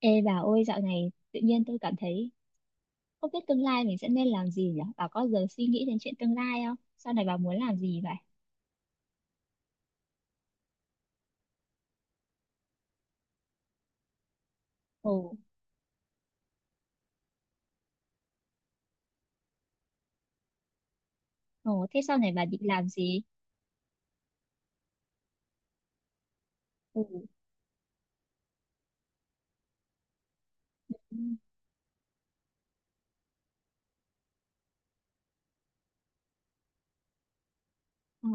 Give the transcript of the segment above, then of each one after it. Ê bà ơi, dạo này tự nhiên tôi cảm thấy không biết tương lai mình sẽ nên làm gì nhỉ? Bà có giờ suy nghĩ đến chuyện tương lai không? Sau này bà muốn làm gì vậy? Ồ, ồ thế sau này bà định làm gì? Ồ. À.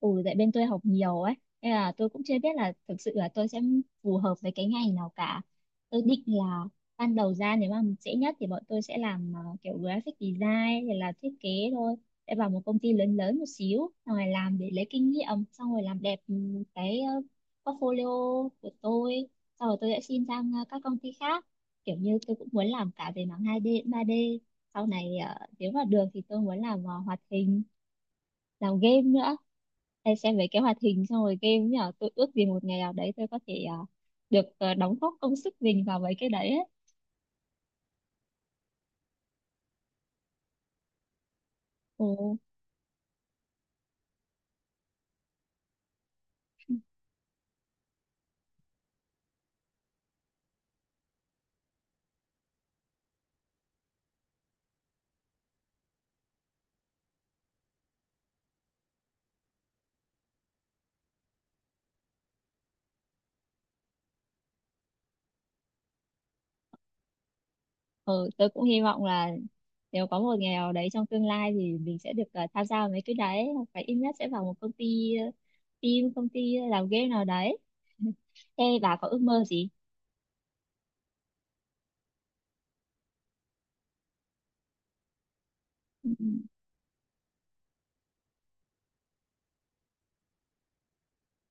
Ừ, tại bên tôi học nhiều ấy nên là tôi cũng chưa biết là thực sự là tôi sẽ phù hợp với cái ngành nào cả. Tôi định là ban đầu ra nếu mà dễ nhất thì bọn tôi sẽ làm kiểu graphic design hay là thiết kế thôi, sẽ vào một công ty lớn lớn một xíu xong rồi làm để lấy kinh nghiệm xong rồi làm đẹp cái portfolio của tôi. Sau rồi tôi sẽ xin sang các công ty khác, kiểu như tôi cũng muốn làm cả về mảng 2D 3D sau này. Ờ, Nếu mà được thì tôi muốn làm hoạt hình, làm game nữa. Hay xem mấy cái hoạt hình xong rồi game nhỉ, tôi ước gì một ngày nào đấy tôi có thể được đóng góp công sức mình vào mấy cái đấy ấy. Ừ. Ừ, tôi cũng hy vọng là nếu có một ngày nào đấy trong tương lai thì mình sẽ được tham gia vào mấy cái đấy, hoặc phải ít nhất sẽ vào một công ty team công ty làm game nào đấy. Thế bà có ước mơ gì? Ừ.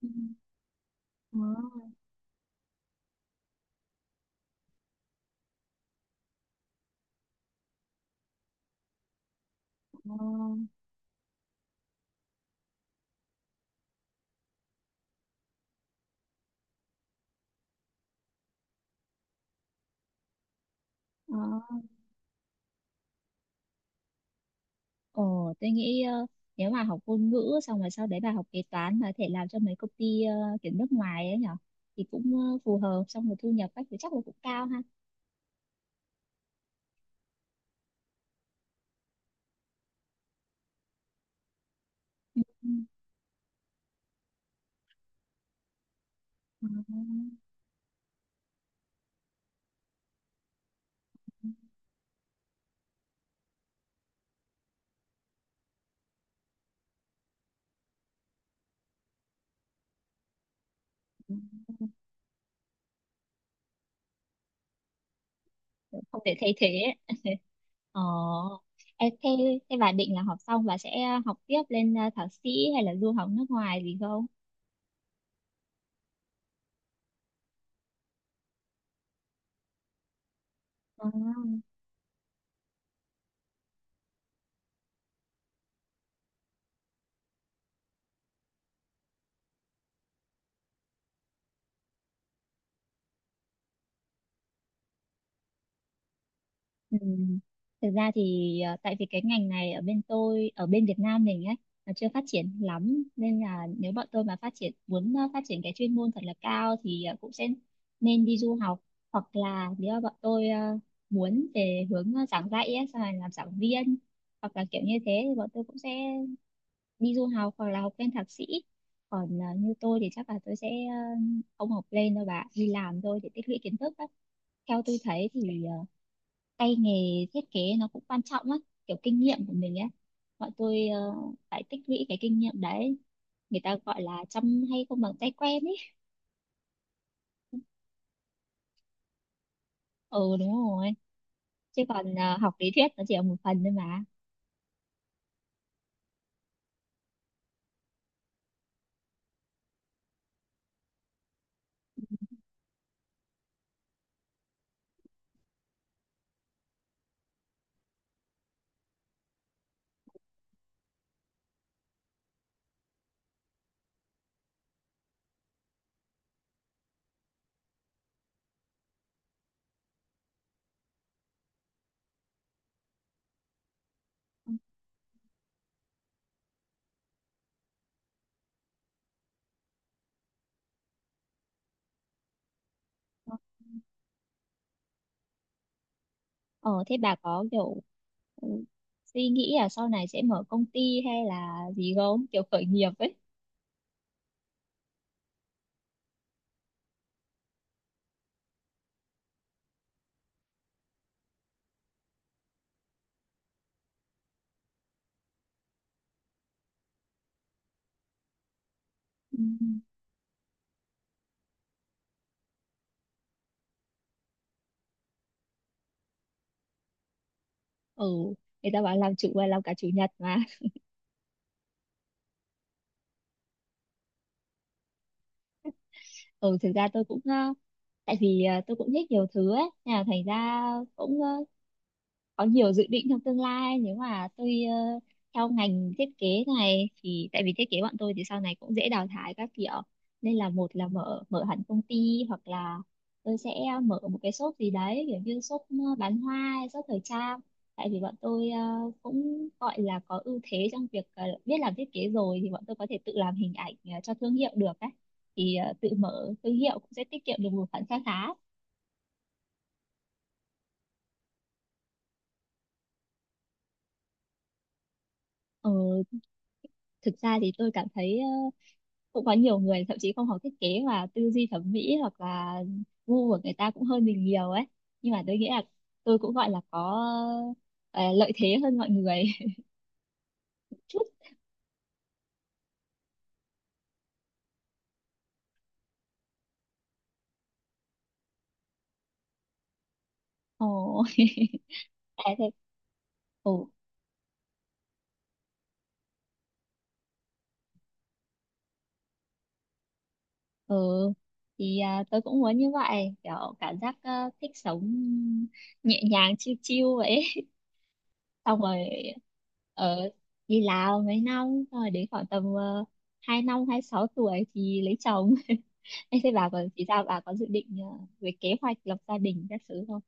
Ừ. Ờ, ờ, ờ. Ờ, tôi nghĩ nếu mà học ngôn ngữ xong rồi sau đấy bà học kế toán mà có thể làm cho mấy công ty kiểu nước ngoài ấy nhở, thì cũng phù hợp, xong rồi thu nhập các thứ chắc là cũng cao ha. Ừ. Ừ. Kiểu không thể thay thế ấy. Ờ, em thế, thế bà định là học xong bà sẽ học tiếp lên thạc sĩ hay là du học nước ngoài gì không? À. Ừ. Thực ra thì tại vì cái ngành này ở bên tôi, ở bên Việt Nam mình ấy, nó chưa phát triển lắm, nên là nếu bọn tôi mà phát triển muốn phát triển cái chuyên môn thật là cao thì cũng sẽ nên đi du học. Hoặc là nếu mà bọn tôi muốn về hướng giảng dạy ấy, xong rồi làm giảng viên hoặc là kiểu như thế thì bọn tôi cũng sẽ đi du học hoặc là học lên thạc sĩ. Còn như tôi thì chắc là tôi sẽ không học lên đâu bà ạ, đi làm thôi để tích lũy kiến thức á. Theo tôi thấy thì tay nghề thiết kế nó cũng quan trọng lắm, kiểu kinh nghiệm của mình ấy, bọn tôi phải tích lũy cái kinh nghiệm đấy, người ta gọi là chăm hay không bằng tay quen ấy. Ừ, đúng rồi. Chứ còn học lý thuyết nó chỉ là một phần thôi mà. Ờ thế bà có kiểu ừ, suy nghĩ là sau này sẽ mở công ty hay là gì không, kiểu khởi nghiệp ấy? Ừ. Ừ, người ta bảo làm chủ và làm cả chủ nhật mà. Ừ, thực ra tôi cũng tại vì tôi cũng thích nhiều thứ ấy nên là thành ra cũng có nhiều dự định trong tương lai. Nếu mà tôi theo ngành thiết kế này thì tại vì thiết kế bọn tôi thì sau này cũng dễ đào thải các kiểu, nên là một là mở mở hẳn công ty, hoặc là tôi sẽ mở một cái shop gì đấy, kiểu như shop bán hoa hay shop thời trang. Tại vì bọn tôi cũng gọi là có ưu thế trong việc biết làm thiết kế rồi thì bọn tôi có thể tự làm hình ảnh cho thương hiệu được đấy, thì tự mở thương hiệu cũng sẽ tiết kiệm được một khoản kha khá. ờ, Thực ra thì tôi cảm thấy cũng có nhiều người thậm chí không học thiết kế mà tư duy thẩm mỹ hoặc là gu của người ta cũng hơn mình nhiều ấy. Nhưng mà tôi nghĩ là tôi cũng gọi là có lợi thế hơn mọi người chút. Ồ. Thế. Ồ, ừ, thì tôi cũng muốn như vậy, kiểu cảm giác thích sống nhẹ nhàng, chill chill vậy. Xong rồi ở đi Lào mấy năm, xong rồi đến khoảng tầm hai năm hai sáu tuổi thì lấy chồng. Em thấy bà còn thì sao, bà có dự định về kế hoạch lập gia đình các thứ không?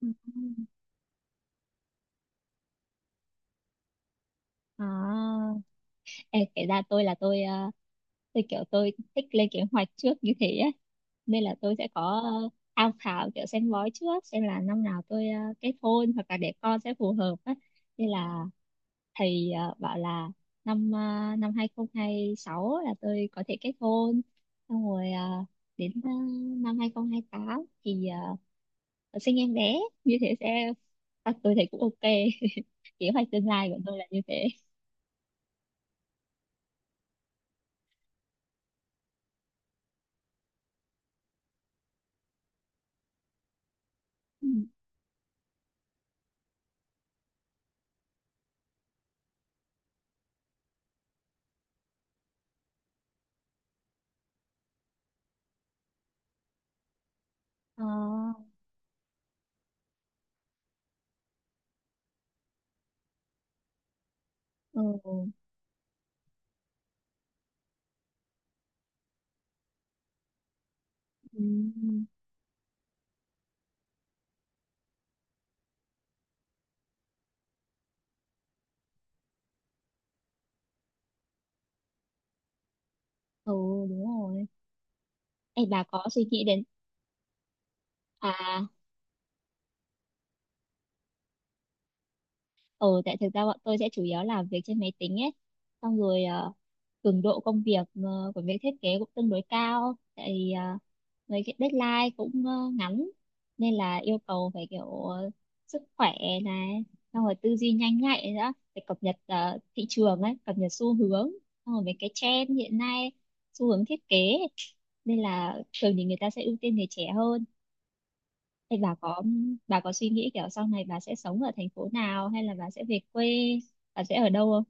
Ừ. À, em kể ra tôi là tôi tôi kiểu tôi thích lên kế hoạch trước như thế ấy. Nên là tôi sẽ có tham khảo kiểu xem bói trước xem là năm nào tôi kết hôn hoặc là để con sẽ phù hợp á. Nên là thì bảo là năm năm 2026 là tôi có thể kết hôn, xong rồi đến năm 2028 thì uh, sinh em bé, như thế sẽ tôi thấy cũng ok. Kế hoạch tương lai của tôi là như thế. Ừ. Ờ, ừ. Ừ. Ừ, đúng rồi. Ê, bà có suy nghĩ đến, à ờ tại thực ra bọn tôi sẽ chủ yếu làm việc trên máy tính ấy, xong rồi cường độ công việc của việc thiết kế cũng tương đối cao, tại vì với cái deadline cũng ngắn, nên là yêu cầu phải kiểu sức khỏe này, xong rồi tư duy nhanh nhạy nữa, phải cập nhật thị trường ấy, cập nhật xu hướng, xong rồi mấy cái trend hiện nay, xu hướng thiết kế, nên là thường thì người ta sẽ ưu tiên người trẻ hơn. Thì bà có suy nghĩ kiểu sau này bà sẽ sống ở thành phố nào hay là bà sẽ về quê, bà sẽ ở đâu không?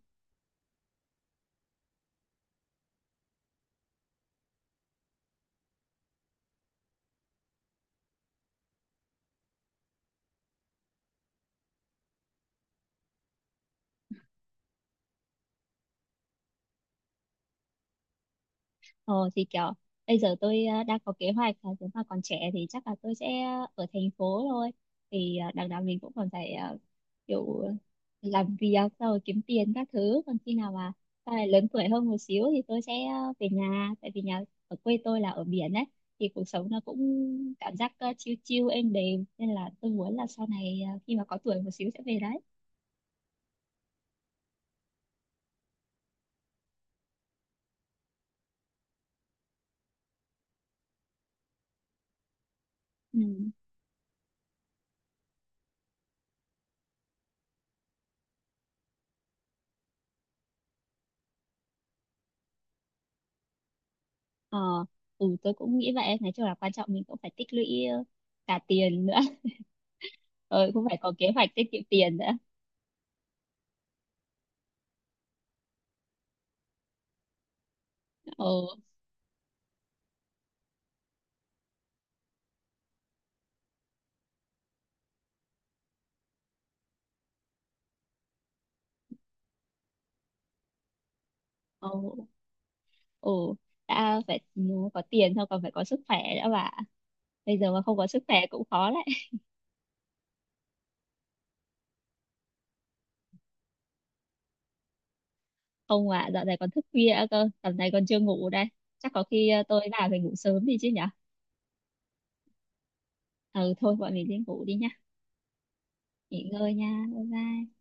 Ờ thì kiểu bây giờ tôi đang có kế hoạch là nếu mà còn trẻ thì chắc là tôi sẽ ở thành phố thôi. Thì đằng nào mình cũng còn phải kiểu làm việc rồi kiếm tiền các thứ. Còn khi nào mà sau này lớn tuổi hơn một xíu thì tôi sẽ về nhà, tại vì nhà ở quê tôi là ở biển đấy, thì cuộc sống nó cũng cảm giác chill chill êm đềm, nên là tôi muốn là sau này khi mà có tuổi một xíu sẽ về đấy. Ừ. Ờ, ừ, tôi cũng nghĩ vậy. Nói chung là quan trọng mình cũng phải tích lũy ờ, cả tiền nữa. Ờ, cũng phải có kế hoạch tiết kiệm tiền nữa. Ờ, ờ, ờ, đã phải có tiền thôi, còn phải có sức khỏe nữa bà. Bây giờ mà không có sức khỏe cũng khó đấy. Không, mà dạo này còn thức khuya nữa cơ, tầm này còn chưa ngủ đây. Chắc có khi tôi vào phải ngủ sớm đi chứ nhở? Ừ, thôi bọn mình đi ngủ đi nhá. Nghỉ ngơi nha, bye bye.